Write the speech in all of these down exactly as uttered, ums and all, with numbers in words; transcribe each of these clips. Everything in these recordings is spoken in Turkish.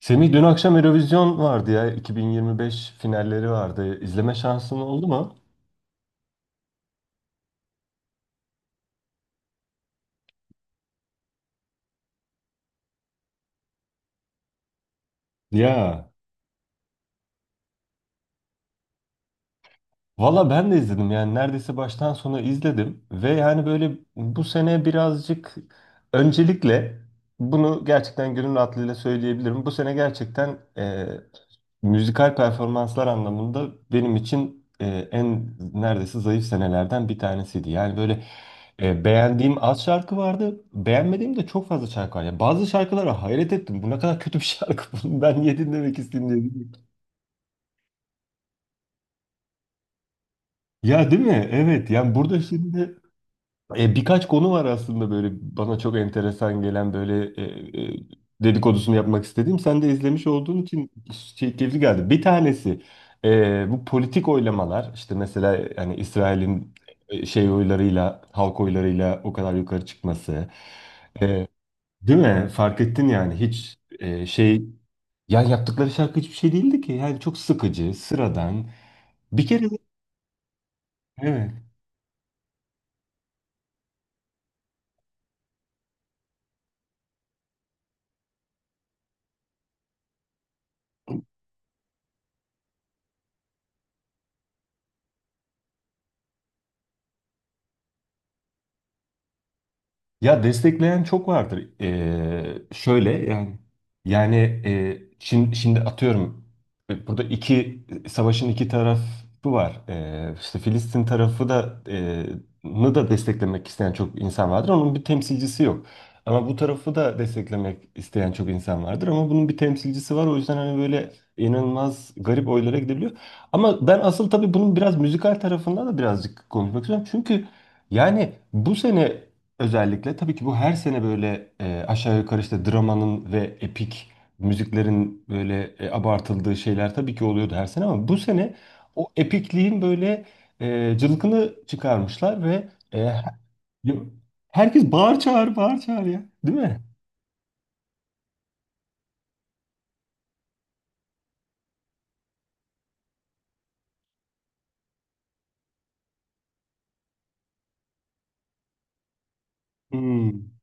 Semih, dün akşam Eurovision vardı ya. iki bin yirmi beş finalleri vardı. İzleme şansın oldu mu? Ya Valla ben de izledim, yani neredeyse baştan sona izledim. Ve yani böyle bu sene birazcık öncelikle bunu gerçekten gönül rahatlığıyla söyleyebilirim. Bu sene gerçekten müzikal performanslar anlamında benim için e, en neredeyse zayıf senelerden bir tanesiydi. Yani böyle e, beğendiğim az şarkı vardı, beğenmediğim de çok fazla şarkı var. Ya bazı şarkılara hayret ettim. Bu ne kadar kötü bir şarkı. Bunu ben niye dinlemek isteyeyim diye. Ya değil mi? Evet. Yani burada şimdi E, birkaç konu var aslında, böyle bana çok enteresan gelen böyle e, e, dedikodusunu yapmak istediğim. Sen de izlemiş olduğun için şey, keyifli geldi. Bir tanesi e, bu politik oylamalar, işte mesela yani İsrail'in e, şey oylarıyla, halk oylarıyla o kadar yukarı çıkması. E, Değil mi? Fark ettin yani hiç e, şey, yani yaptıkları şarkı hiçbir şey değildi ki. Yani çok sıkıcı, sıradan. Bir kere evet. Ya destekleyen çok vardır. Ee, şöyle yani, yani e, şimdi, şimdi atıyorum, e, burada iki savaşın iki tarafı var. Ee, işte Filistin tarafı da e, nı da desteklemek isteyen çok insan vardır. Onun bir temsilcisi yok. Ama bu tarafı da desteklemek isteyen çok insan vardır. Ama bunun bir temsilcisi var. O yüzden hani böyle inanılmaz garip oylara gidebiliyor. Ama ben asıl tabii bunun biraz müzikal tarafından da birazcık konuşmak istiyorum. Çünkü yani bu sene özellikle, tabii ki bu her sene böyle e, aşağı yukarı, işte dramanın ve epik müziklerin böyle e, abartıldığı şeyler tabii ki oluyordu her sene, ama bu sene o epikliğin böyle e, cılkını çıkarmışlar ve e, he- herkes bağır çağır bağır çağır, ya değil mi? Hmm.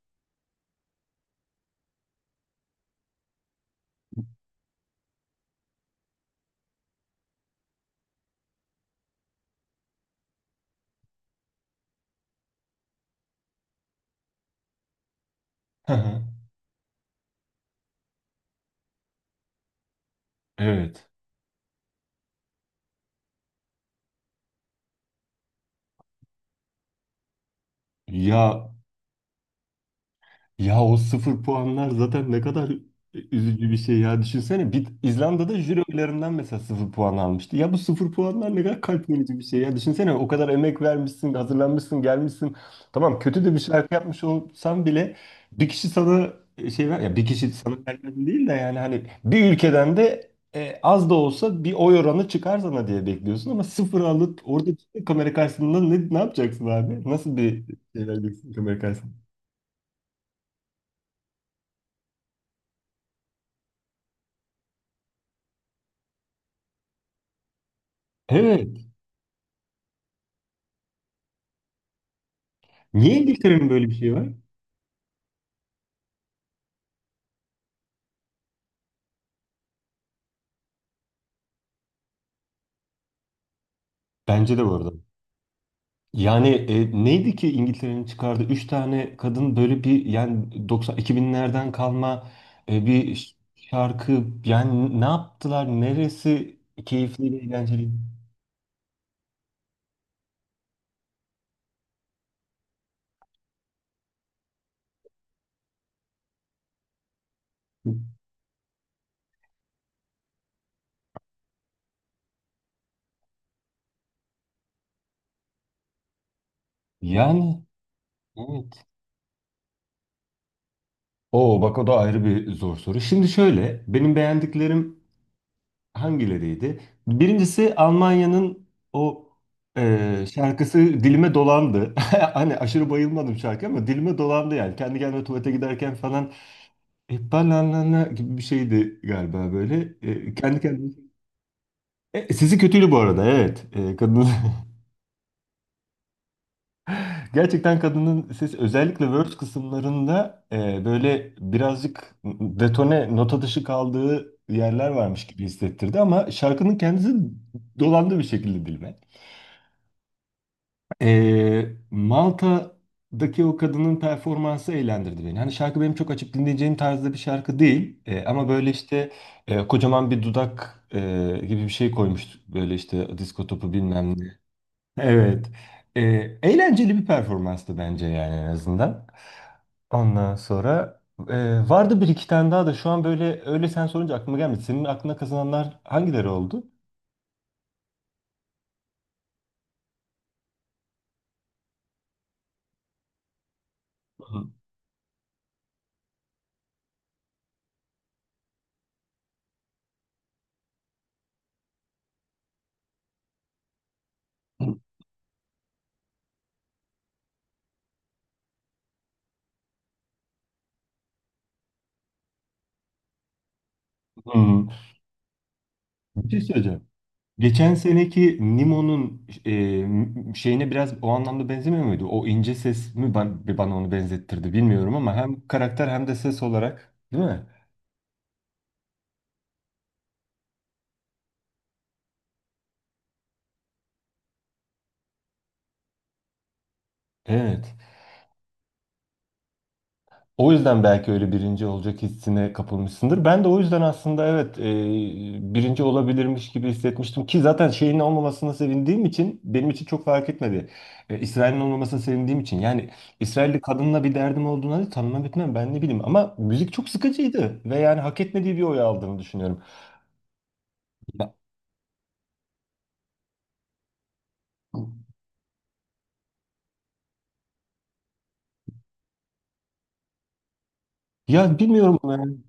Evet. Ya Ya o sıfır puanlar zaten ne kadar üzücü bir şey ya. Düşünsene bir İzlanda'da jüri oylarından mesela sıfır puan almıştı. Ya bu sıfır puanlar ne kadar kalp yorucu bir şey ya. Düşünsene, o kadar emek vermişsin, hazırlanmışsın, gelmişsin. Tamam, kötü de bir şarkı yapmış olsan bile bir kişi sana e, şey ver ya, bir kişi sana vermedi değil de, yani hani bir ülkeden de e, az da olsa bir oy oranı çıkar sana diye bekliyorsun, ama sıfır alıp orada kamera karşısında ne, ne yapacaksın abi? Nasıl bir şey vereceksin kamera karşısında? Evet. Niye İngiltere'nin böyle bir şeyi var? Bence de bu arada. Yani e, neydi ki İngiltere'nin çıkardığı? Üç tane kadın, böyle bir yani doksan iki binlerden kalma e, bir ş- şarkı. Yani ne yaptılar? Neresi keyifli, eğlenceli? Yani evet. Oo, bak o da ayrı bir zor soru. Şimdi şöyle, benim beğendiklerim hangileriydi? Birincisi Almanya'nın o e, şarkısı dilime dolandı. Hani aşırı bayılmadım şarkı, ama dilime dolandı yani. Kendi kendime tuvalete giderken falan, e, banana gibi bir şeydi galiba böyle. E, kendi kendime. E, sesi kötüydü bu arada, evet. E, kadın gerçekten, kadının sesi özellikle verse kısımlarında e, böyle birazcık detone, nota dışı kaldığı yerler varmış gibi hissettirdi, ama şarkının kendisi dolandı bir şekilde dilime. Ee, Malta'daki o kadının performansı eğlendirdi beni. Hani şarkı benim çok açıp dinleyeceğim tarzda bir şarkı değil. Ee, ama böyle işte e, kocaman bir dudak e, gibi bir şey koymuştuk. Böyle işte disko topu bilmem ne. Evet. Ee, Eğlenceli bir performanstı bence, yani en azından. Ondan sonra e, vardı bir iki tane daha da şu an böyle, öyle sen sorunca aklıma gelmedi. Senin aklına kazananlar hangileri oldu? Hı hı. Hı hı. Bir şey söyleyeceğim. Geçen seneki Nemo'nun e, şeyine biraz o anlamda benzemiyor muydu? O ince ses mi ban- bana onu benzettirdi bilmiyorum, ama hem karakter hem de ses olarak değil mi? Evet. O yüzden belki öyle birinci olacak hissine kapılmışsındır. Ben de o yüzden aslında evet, e, birinci olabilirmiş gibi hissetmiştim, ki zaten şeyin olmamasına sevindiğim için benim için çok fark etmedi. E, İsrail'in olmamasına sevindiğim için yani. İsrailli kadınla bir derdim olduğuna da tanımam etmem ben, ne bileyim, ama müzik çok sıkıcıydı ve yani hak etmediği bir oy aldığını düşünüyorum. Ya, ya bilmiyorum, e,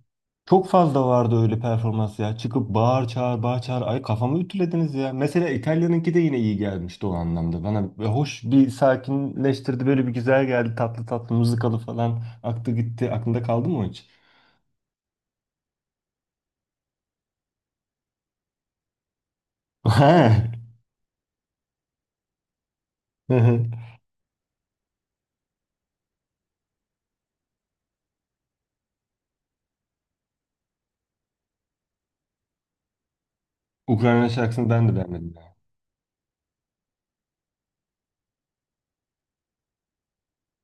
çok fazla vardı öyle performans ya. Çıkıp bağır çağır bağır çağır. Ay, kafamı ütülediniz ya. Mesela İtalya'nınki de yine iyi gelmişti o anlamda. Bana hoş, bir sakinleştirdi. Böyle bir güzel geldi. Tatlı tatlı, mızıkalı falan. Aktı gitti. Aklında kaldı mı o hiç? Ha. Ukrayna şarkısını ben de beğenmedim ya.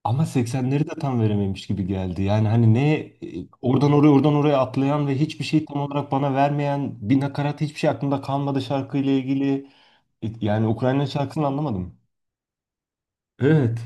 Ama seksenleri de tam verememiş gibi geldi. Yani hani ne e, oradan oraya oradan oraya atlayan ve hiçbir şey tam olarak bana vermeyen bir nakarat, hiçbir şey aklımda kalmadı şarkıyla ilgili. E, yani Ukrayna şarkısını anlamadım. Evet.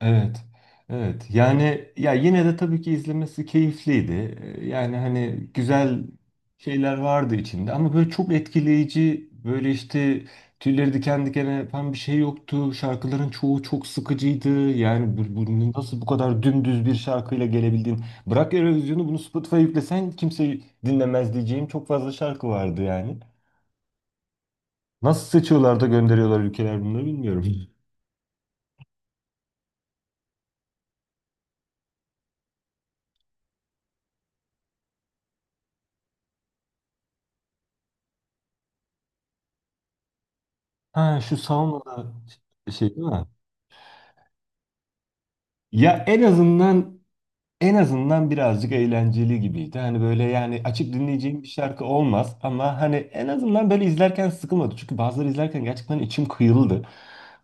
Evet. Evet. Yani ya yine de tabii ki izlemesi keyifliydi. Ee, Yani hani güzel şeyler vardı içinde, ama böyle çok etkileyici, böyle işte tüyleri diken diken yapan bir şey yoktu. Şarkıların çoğu çok sıkıcıydı. Yani bu, bu nasıl bu kadar dümdüz bir şarkıyla gelebildin? Bırak Eurovision'u, bunu Spotify'a yüklesen kimse dinlemez diyeceğim çok fazla şarkı vardı yani. Nasıl seçiyorlar da gönderiyorlar ülkeler bunları bilmiyorum. Ha, şu sauna şey şey değil mi? Ya en azından, en azından birazcık eğlenceli gibiydi. Hani böyle, yani açıp dinleyeceğim bir şarkı olmaz, ama hani en azından böyle izlerken sıkılmadı. Çünkü bazıları izlerken gerçekten içim kıyıldı.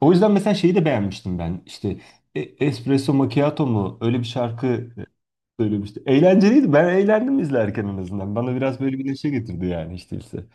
O yüzden mesela şeyi de beğenmiştim ben. İşte e- Espresso Macchiato mu öyle bir şarkı e, söylemişti. Eğlenceliydi. Ben eğlendim izlerken en azından. Bana biraz böyle bir neşe getirdi, yani işte ise.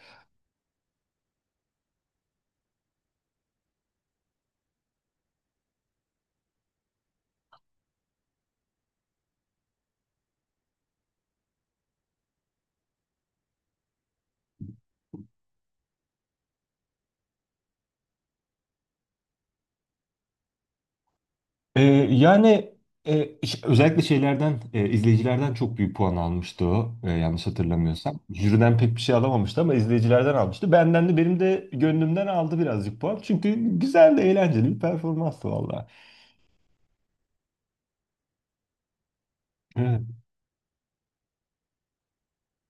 Ee, Yani e, ş- özellikle şeylerden, e, izleyicilerden çok büyük puan almıştı o, e, yanlış hatırlamıyorsam. Jüriden pek bir şey alamamıştı, ama izleyicilerden almıştı. Benden de, benim de gönlümden aldı birazcık puan. Çünkü güzel, de eğlenceli bir performanstı valla. Evet,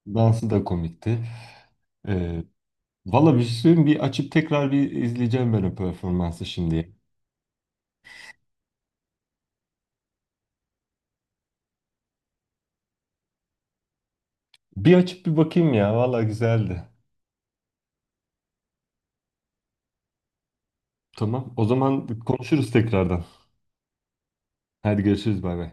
dansı da komikti. Ee, Valla bir şey söyleyeyim, bir açıp tekrar bir izleyeceğim ben o performansı şimdi. Bir açıp bir bakayım ya, valla güzeldi. Tamam, o zaman konuşuruz tekrardan. Hadi görüşürüz, bay bay.